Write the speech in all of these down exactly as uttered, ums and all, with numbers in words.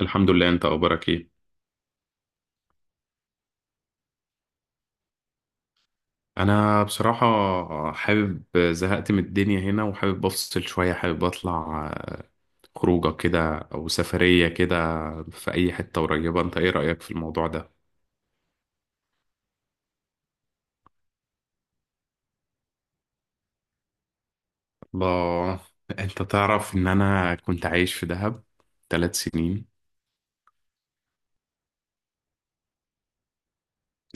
الحمد لله، انت اخبارك ايه؟ انا بصراحة، حابب زهقت من الدنيا هنا وحابب افصل شوية، حابب اطلع خروجة كده او سفرية كده في اي حتة قريبة. انت ايه رأيك في الموضوع ده؟ الله. انت تعرف ان انا كنت عايش في دهب ثلاث سنين.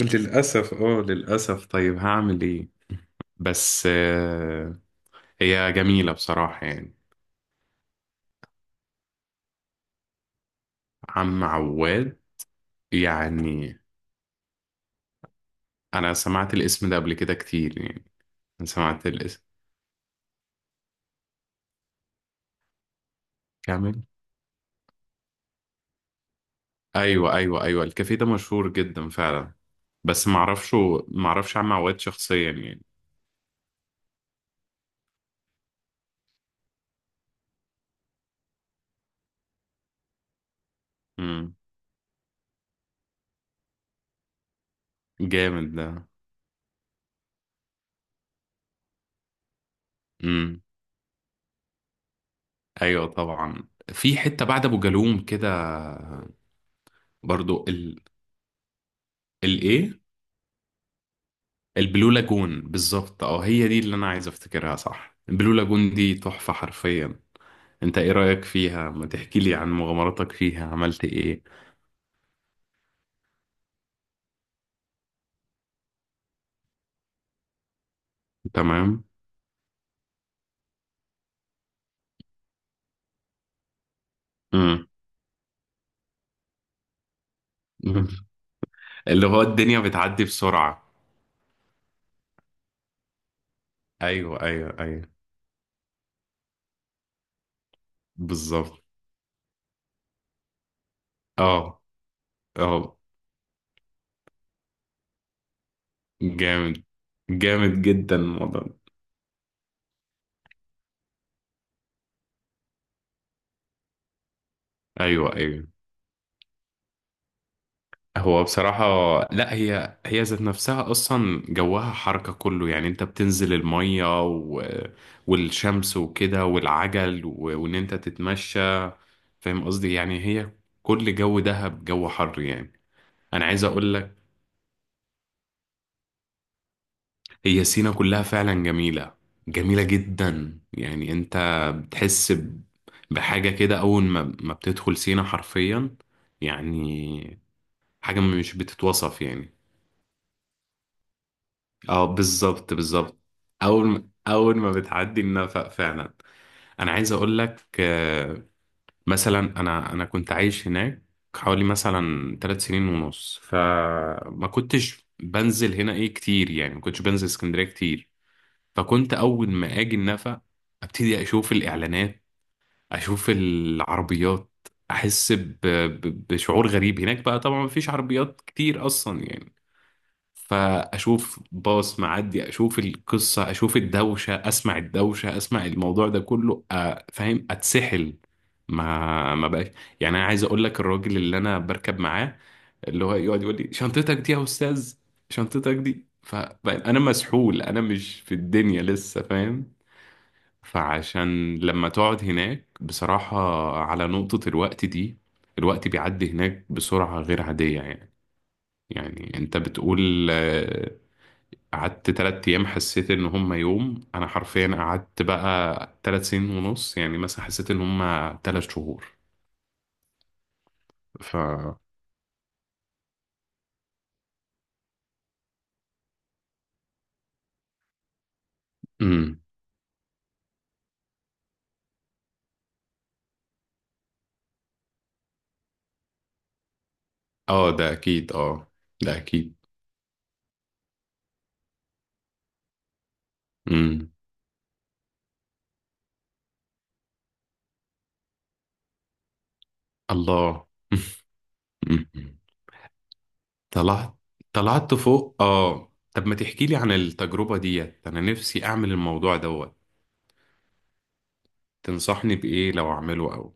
للأسف، اه للأسف، طيب هعمل ايه؟ بس، آه، هي جميلة بصراحة، يعني. عم عواد. يعني انا سمعت الاسم ده قبل كده كتير، يعني. أنا سمعت، كامل. ايوه، ايوه، ايوه، الكافيه ده مشهور جدا فعلا. بس معرفش، معرفش عم عواد شخصيا، يعني. امم. جامد ده. امم. ايوه، طبعا في حته بعد ابو جالوم كده. برضو، ال الايه؟ البلو لاجون بالظبط، اه، هي دي اللي انا عايز افتكرها، صح، البلو لاجون دي تحفه حرفيا. انت ايه رايك فيها؟ ما تحكي لي عن مغامراتك فيها، عملت ايه؟ تمام. امم. اللي هو الدنيا بتعدي بسرعه. ايوه، ايوه، ايوه، بالظبط. اه، اه. جامد، جامد جدا الموضوع ده. ايوه، ايوه. هو بصراحة، لا، هي هي ذات نفسها اصلا جواها حركة كله، يعني انت بتنزل المية، و... والشمس وكده والعجل، و... وان انت تتمشى. فاهم قصدي؟ يعني هي كل جو دهب جو حر، يعني. انا عايز اقول لك، هي سينا كلها فعلا جميلة، جميلة جدا، يعني. انت بتحس ب- بحاجة كده أول ما ما بتدخل سينا حرفيا، يعني. حاجة مش بتتوصف، يعني. اه بالظبط، بالظبط. أول ما أول ما بتعدي النفق فعلا. أنا عايز أقول لك، آه، مثلا أنا أنا كنت عايش هناك حوالي مثلا ثلاث سنين ونص، فما كنتش بنزل هنا إيه كتير، يعني ما كنتش بنزل اسكندرية كتير. فكنت اول ما اجي النفق، ابتدي اشوف الاعلانات، اشوف العربيات، احس ب... ب... بشعور غريب. هناك بقى طبعا مفيش عربيات كتير اصلا، يعني. فاشوف باص معدي، اشوف القصه، اشوف الدوشه، اسمع الدوشه، اسمع الموضوع ده كله، أ- فاهم، اتسحل. ما ما بقاش. يعني انا عايز اقول لك، الراجل اللي انا بركب معاه اللي هو يقعد يقول لي شنطتك دي يا استاذ، شنطتك دي، فانا مسحول، انا مش في الدنيا لسه، فاهم. فعشان لما تقعد هناك بصراحة، على نقطة الوقت دي، الوقت بيعدي هناك بسرعة غير عادية، يعني. يعني انت بتقول آه، قعدت تلات أيام، حسيت إن هما يوم. أنا حرفيا قعدت بقى تلات سنين ونص، يعني مثلا حسيت إن هما تلات شهور. ف مم. اه، ده أكيد، اه. ده أكيد. مم. الله. طلعت طلعت فوق، اه. طب ما تحكي لي عن التجربة ديت، انا نفسي اعمل الموضوع دوت. تنصحني بايه لو اعمله او...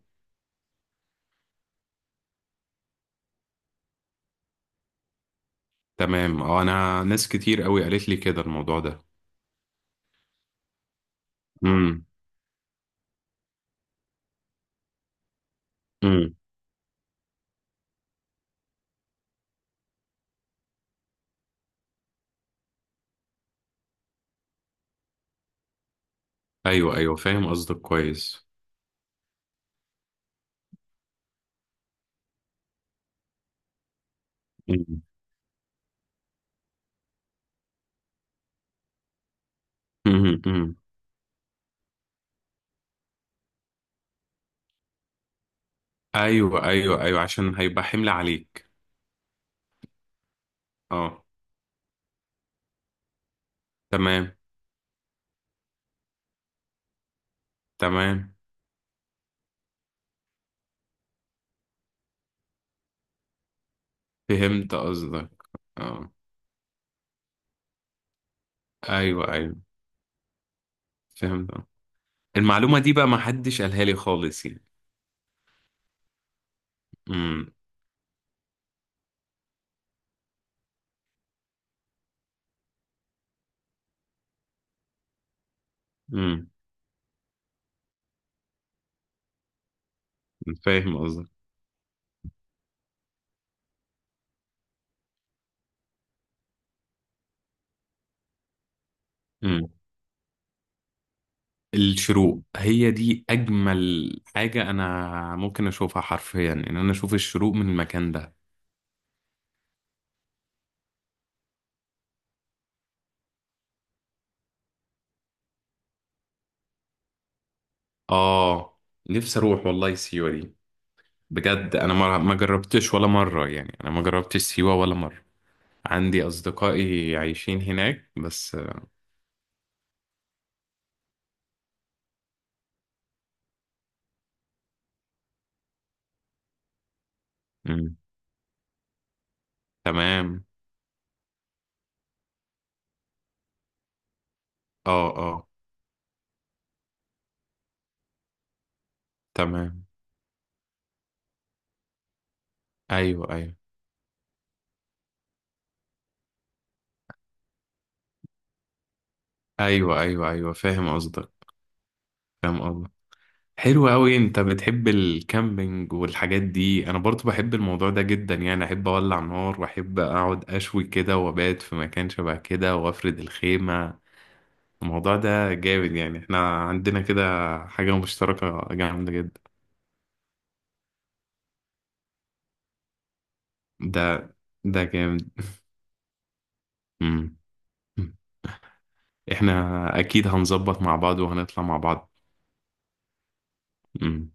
تمام. اه، انا ناس كتير قوي قالت لي كده الموضوع ده. امم، امم. ايوه، ايوه، فاهم قصدك كويس. امم، امم، أمم. ايوه، ايوه، ايوه، عشان هيبقى حمل عليك. اه، تمام، تمام، فهمت قصدك، اه. ايوه، ايوه، فهمت. المعلومة دي بقى ما حدش قالها لي خالص، يعني. امم، امم، فاهم قصدك. مم. الشروق هي دي اجمل حاجه انا ممكن اشوفها، حرفيا ان انا اشوف الشروق من المكان ده. اه، نفسي اروح والله سيوه دي. بجد انا ما ما جربتش ولا مره، يعني انا ما جربتش سيوه ولا مره. عندي اصدقائي عايشين هناك بس. مم. تمام، اه، اه، تمام. ايوه، ايوه، ايوه، ايوه، ايوه، فاهم قصدك، فاهم قصدك. حلو قوي، انت بتحب الكامبينج والحاجات دي، انا برضو بحب الموضوع ده جدا، يعني احب اولع نار واحب اقعد اشوي كده وابات في مكان شبه كده وافرد الخيمة. الموضوع ده جامد، يعني احنا عندنا كده حاجة مشتركة جامدة جدا. ده ده جامد. مم. مم. احنا اكيد هنظبط مع بعض وهنطلع مع بعض. مم.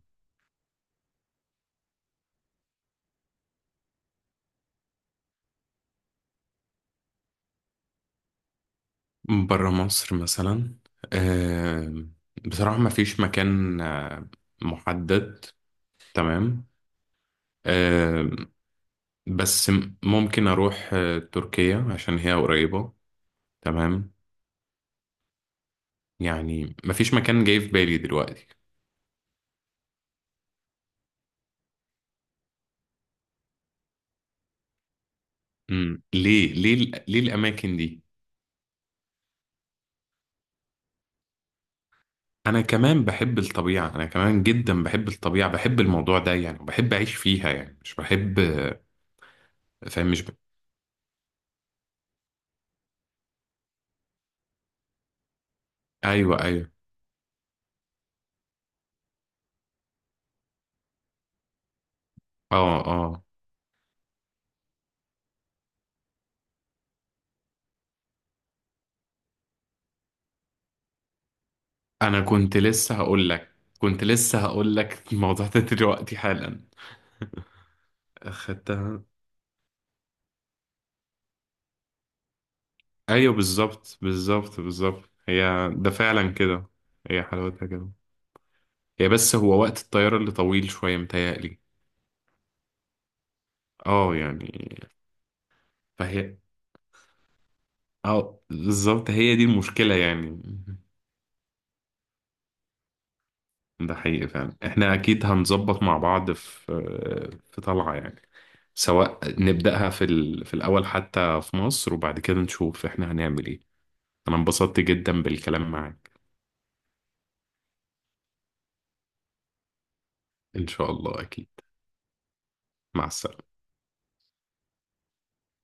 برا مصر مثلا. آم، بصراحة ما فيش مكان آه، محدد. تمام. بس م- ممكن اروح آه، تركيا عشان هي قريبة. تمام. يعني مفيش مكان جاي في بالي دلوقتي. امم، ليه ليه ال- ليه الاماكن دي؟ انا كمان بحب الطبيعة، انا كمان جدا بحب الطبيعة، بحب الموضوع ده، يعني بحب اعيش فيها، يعني مش بحب. فاهم، مش ب... ايوه، ايوه. اه، اه. انا كنت لسه هقول لك كنت لسه هقول لك الموضوع ده دلوقتي حالا. خدتها. ايوه، بالظبط، بالظبط، بالظبط، هي. ده فعلا كده. هي حلاوتها كده. هي بس هو وقت الطيارة اللي طويل شوية، متهيألي. اه، يعني. فهي... اه، بالظبط، هي دي المشكلة، يعني. ده حقيقي فعلا، احنا اكيد هنظبط مع بعض في في طلعة، يعني. سواء نبدأها في ال... في الأول، حتى في مصر، وبعد كده نشوف احنا هنعمل ايه. انا انبسطت جدا بالكلام معاك. ان شاء الله، اكيد. مع السلامة.